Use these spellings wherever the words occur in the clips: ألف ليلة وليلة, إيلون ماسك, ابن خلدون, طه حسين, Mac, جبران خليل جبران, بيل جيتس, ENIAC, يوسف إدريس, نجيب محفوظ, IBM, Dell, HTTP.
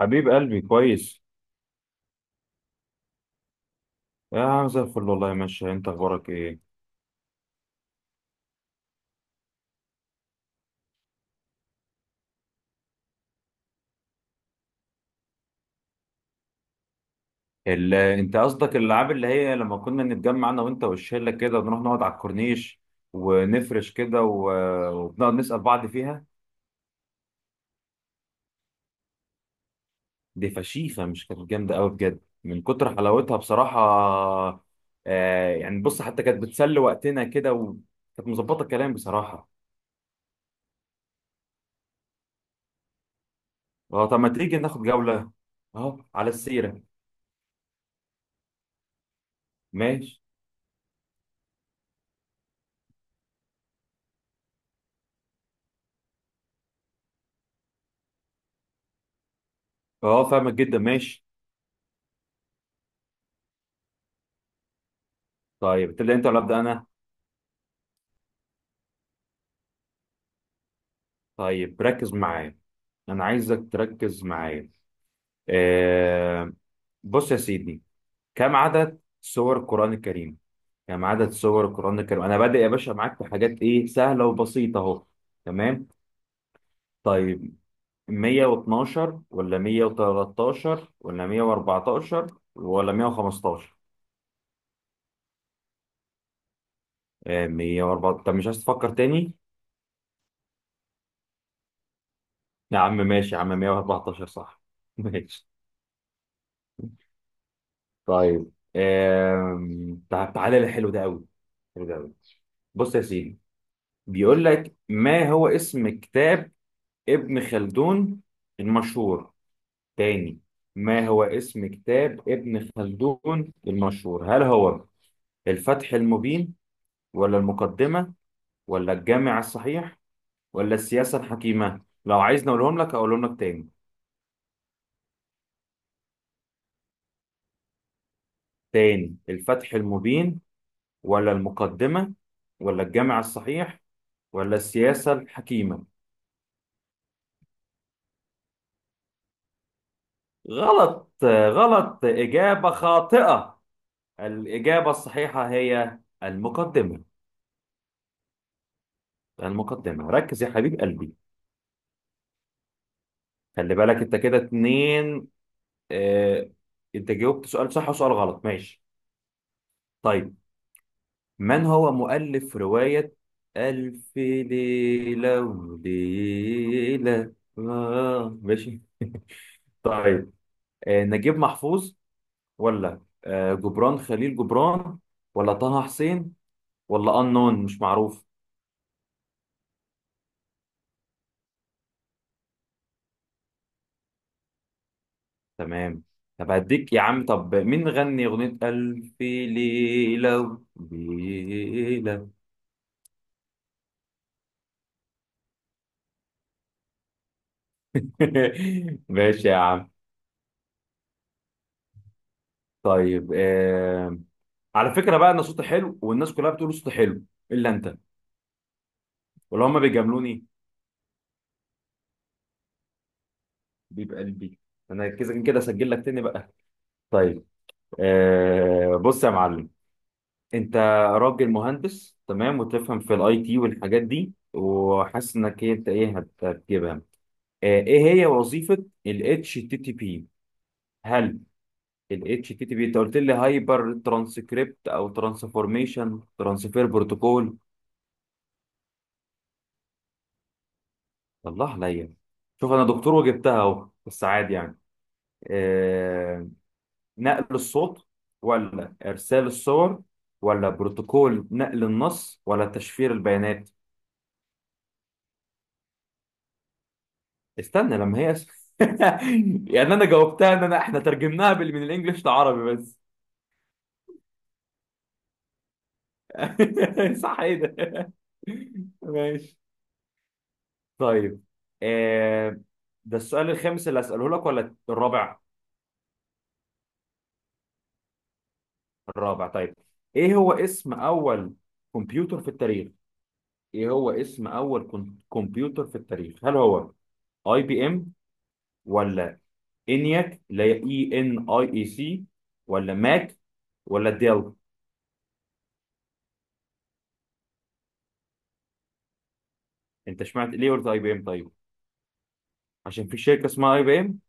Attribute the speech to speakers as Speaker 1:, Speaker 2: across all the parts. Speaker 1: حبيب قلبي كويس. يا عم زي الفل، والله ماشي. انت اخبارك ايه؟ انت قصدك الالعاب اللي هي لما كنا نتجمع انا وانت والشله كده، ونروح نقعد على الكورنيش ونفرش كده وبنقعد نسال بعض فيها. دي فشيخه، مش كانت جامده قوي بجد من كتر حلاوتها بصراحه. آه، يعني بص، حتى كانت بتسلي وقتنا كده، وكانت مظبطه الكلام بصراحه. اه، طب ما تيجي ناخد جوله. اه، على السيره. ماشي. اه، فاهمك جدا. ماشي. طيب، تبدا انت ولا ابدا انا؟ طيب ركز معايا. انا عايزك تركز معايا. آه. بص يا سيدي، كم عدد سور القرآن الكريم؟ كم عدد سور القرآن الكريم؟ انا بادئ يا باشا معاك في حاجات ايه سهلة وبسيطة اهو. تمام. طيب، 112 ولا 113 ولا 114 ولا 115؟ 114؟ طب مش عايز تفكر تاني؟ يا عم ماشي، يا عم 114 صح ماشي. طيب، تعالى للحلو ده قوي. حلو ده. بص يا سيدي، بيقول لك ما هو اسم كتاب ابن خلدون المشهور. تاني، ما هو اسم كتاب ابن خلدون المشهور؟ هل هو الفتح المبين ولا المقدمة ولا الجامع الصحيح ولا السياسة الحكيمة؟ لو عايزني اقولهم لك تاني. تاني، الفتح المبين ولا المقدمة ولا الجامع الصحيح ولا السياسة الحكيمة؟ غلط. غلط، إجابة خاطئة. الإجابة الصحيحة هي المقدمة. المقدمة، ركز يا حبيب قلبي. خلي بالك أنت كده اتنين. اه، أنت جاوبت سؤال صح وسؤال غلط. ماشي. طيب، من هو مؤلف رواية ألف ليلة وليلة؟ ماشي. طيب، اه نجيب محفوظ، ولا اه جبران خليل جبران، ولا طه حسين، ولا أنون مش معروف؟ تمام. طب هديك يا عم، طب مين غني أغنية ألف ليلة ليلة؟ ماشي يا عم. طيب، على فكرة بقى، أنا صوتي حلو، والناس كلها بتقول صوتي حلو، إلا أنت. ولا هما بيجاملوني؟ بيبقى قلبي. أنا كده كده أسجل لك تاني بقى. طيب، بص يا معلم. أنت راجل مهندس تمام، وتفهم في الأي تي والحاجات دي، وحاسس إنك أنت هتجيبها. إيه هي وظيفة ال HTTP؟ هل ال HTTP انت قلت لي هايبر ترانسكريبت او ترانسفورميشن ترانسفير بروتوكول؟ الله عليا. شوف، انا دكتور وجبتها اهو، بس عادي يعني. آه... نقل الصوت، ولا ارسال الصور، ولا بروتوكول نقل النص، ولا تشفير البيانات؟ استنى لما هي يعني انا جاوبتها ان انا احنا ترجمناها من الانجليش لعربي بس. صح، ايه ده؟ ماشي. طيب، آه ده السؤال الخامس اللي هسأله لك ولا الرابع؟ الرابع، طيب. ايه هو اسم اول كمبيوتر في التاريخ؟ ايه هو اسم اول كمبيوتر في التاريخ؟ هل هو اي بي ام، ولا انياك اللي هي اي ان اي اي سي، ولا ماك، ولا ديل؟ انت سمعت ليه قلت اي بي ام طيب؟ عشان في شركة اسمها اي بي ام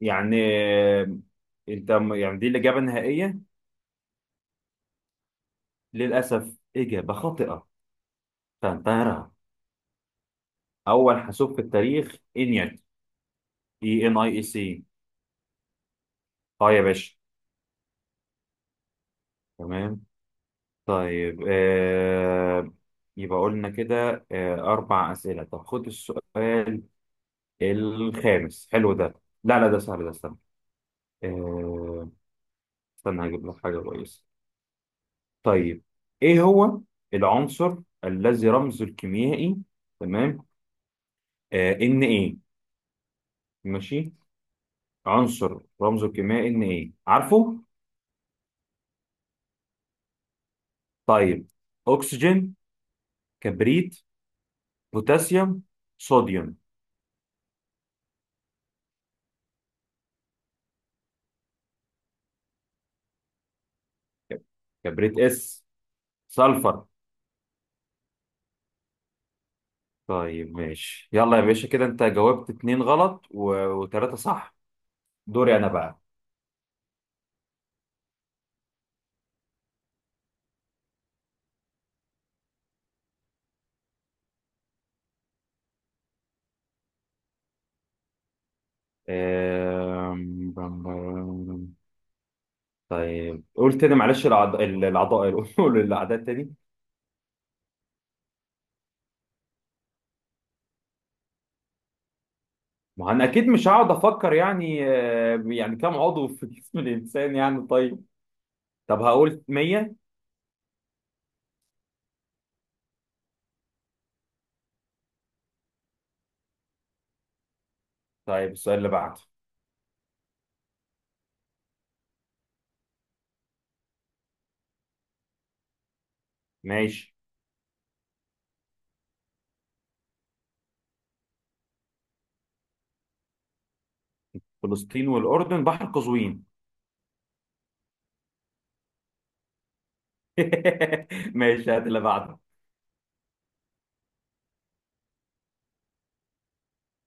Speaker 1: يعني. آه، انت يعني دي الإجابة النهائية؟ للأسف، إجابة خاطئة. تنتهرها. اول حاسوب في التاريخ انياك، اي ان اي اي سي. اه يا باشا. تمام. طيب، يبقى قلنا كده اربع اسئله. طب خد السؤال الخامس، حلو ده. لا لا، ده سهل، ده استنى. آه استنى هجيب لك حاجه كويسه. طيب، ايه هو العنصر الذي رمزه الكيميائي؟ تمام. ان ايه. ماشي. عنصر رمزه الكيميائي ان ايه، عارفه؟ طيب، اكسجين، كبريت، بوتاسيوم، صوديوم؟ كبريت اس. سلفر. طيب ماشي، يلا يا باشا، كده انت جاوبت اتنين غلط وتلاتة صح. دوري انا بقى. أم... بم- بم- طيب قول تاني، معلش. الأعضاء قول الأعداء تاني. ما أنا أكيد مش هقعد أفكر يعني، يعني كم عضو في جسم الإنسان يعني؟ طيب، طب هقول 100. طيب السؤال اللي بعده. ماشي. فلسطين والأردن، بحر قزوين. ماشي، هات اللي بعده.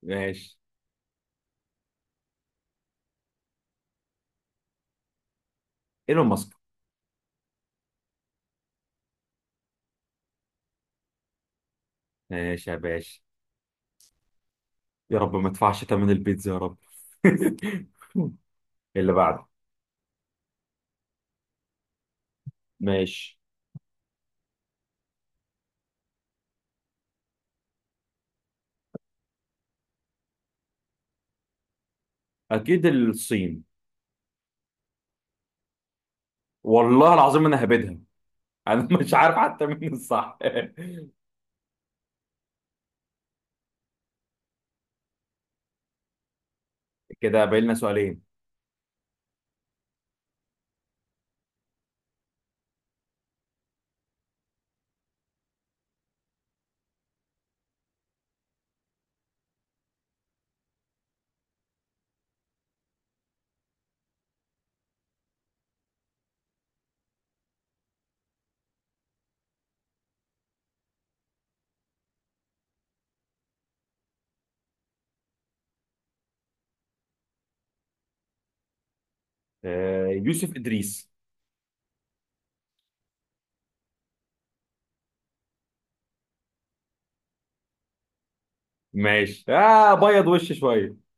Speaker 1: ماشي. ايلون ماسك. ماشي يا باشا. يا رب ما ادفعش ثمن البيتزا، يا رب. اللي بعده. ماشي. اكيد الصين. والله العظيم انا هبدها. انا مش عارف حتى مين الصح كده باقي لنا سؤالين. يوسف ادريس. ماشي، بيض وش شويه.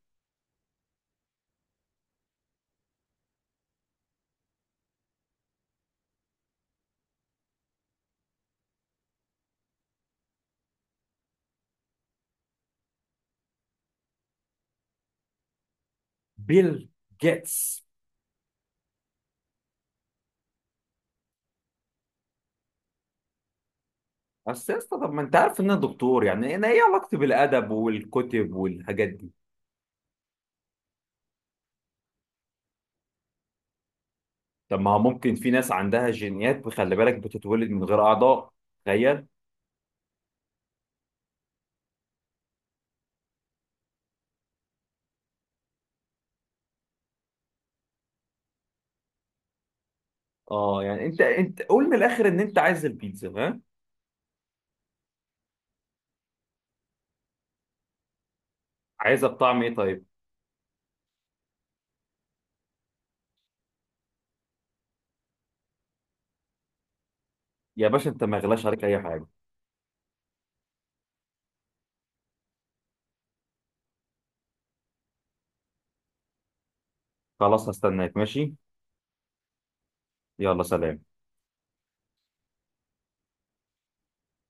Speaker 1: بيل جيتس. بس يا اسطى، طب ما انت عارف ان انا دكتور، يعني انا ايه علاقتي بالادب والكتب والحاجات دي؟ طب ما هو ممكن في ناس عندها جينيات، خلي بالك، بتتولد من غير اعضاء. تخيل. اه يعني انت قول من الاخر ان انت عايز البيتزا ها. عايزها بطعم ايه طيب؟ يا باشا انت ما غلاش عليك اي حاجه. خلاص هستناك ماشي. يلا سلام.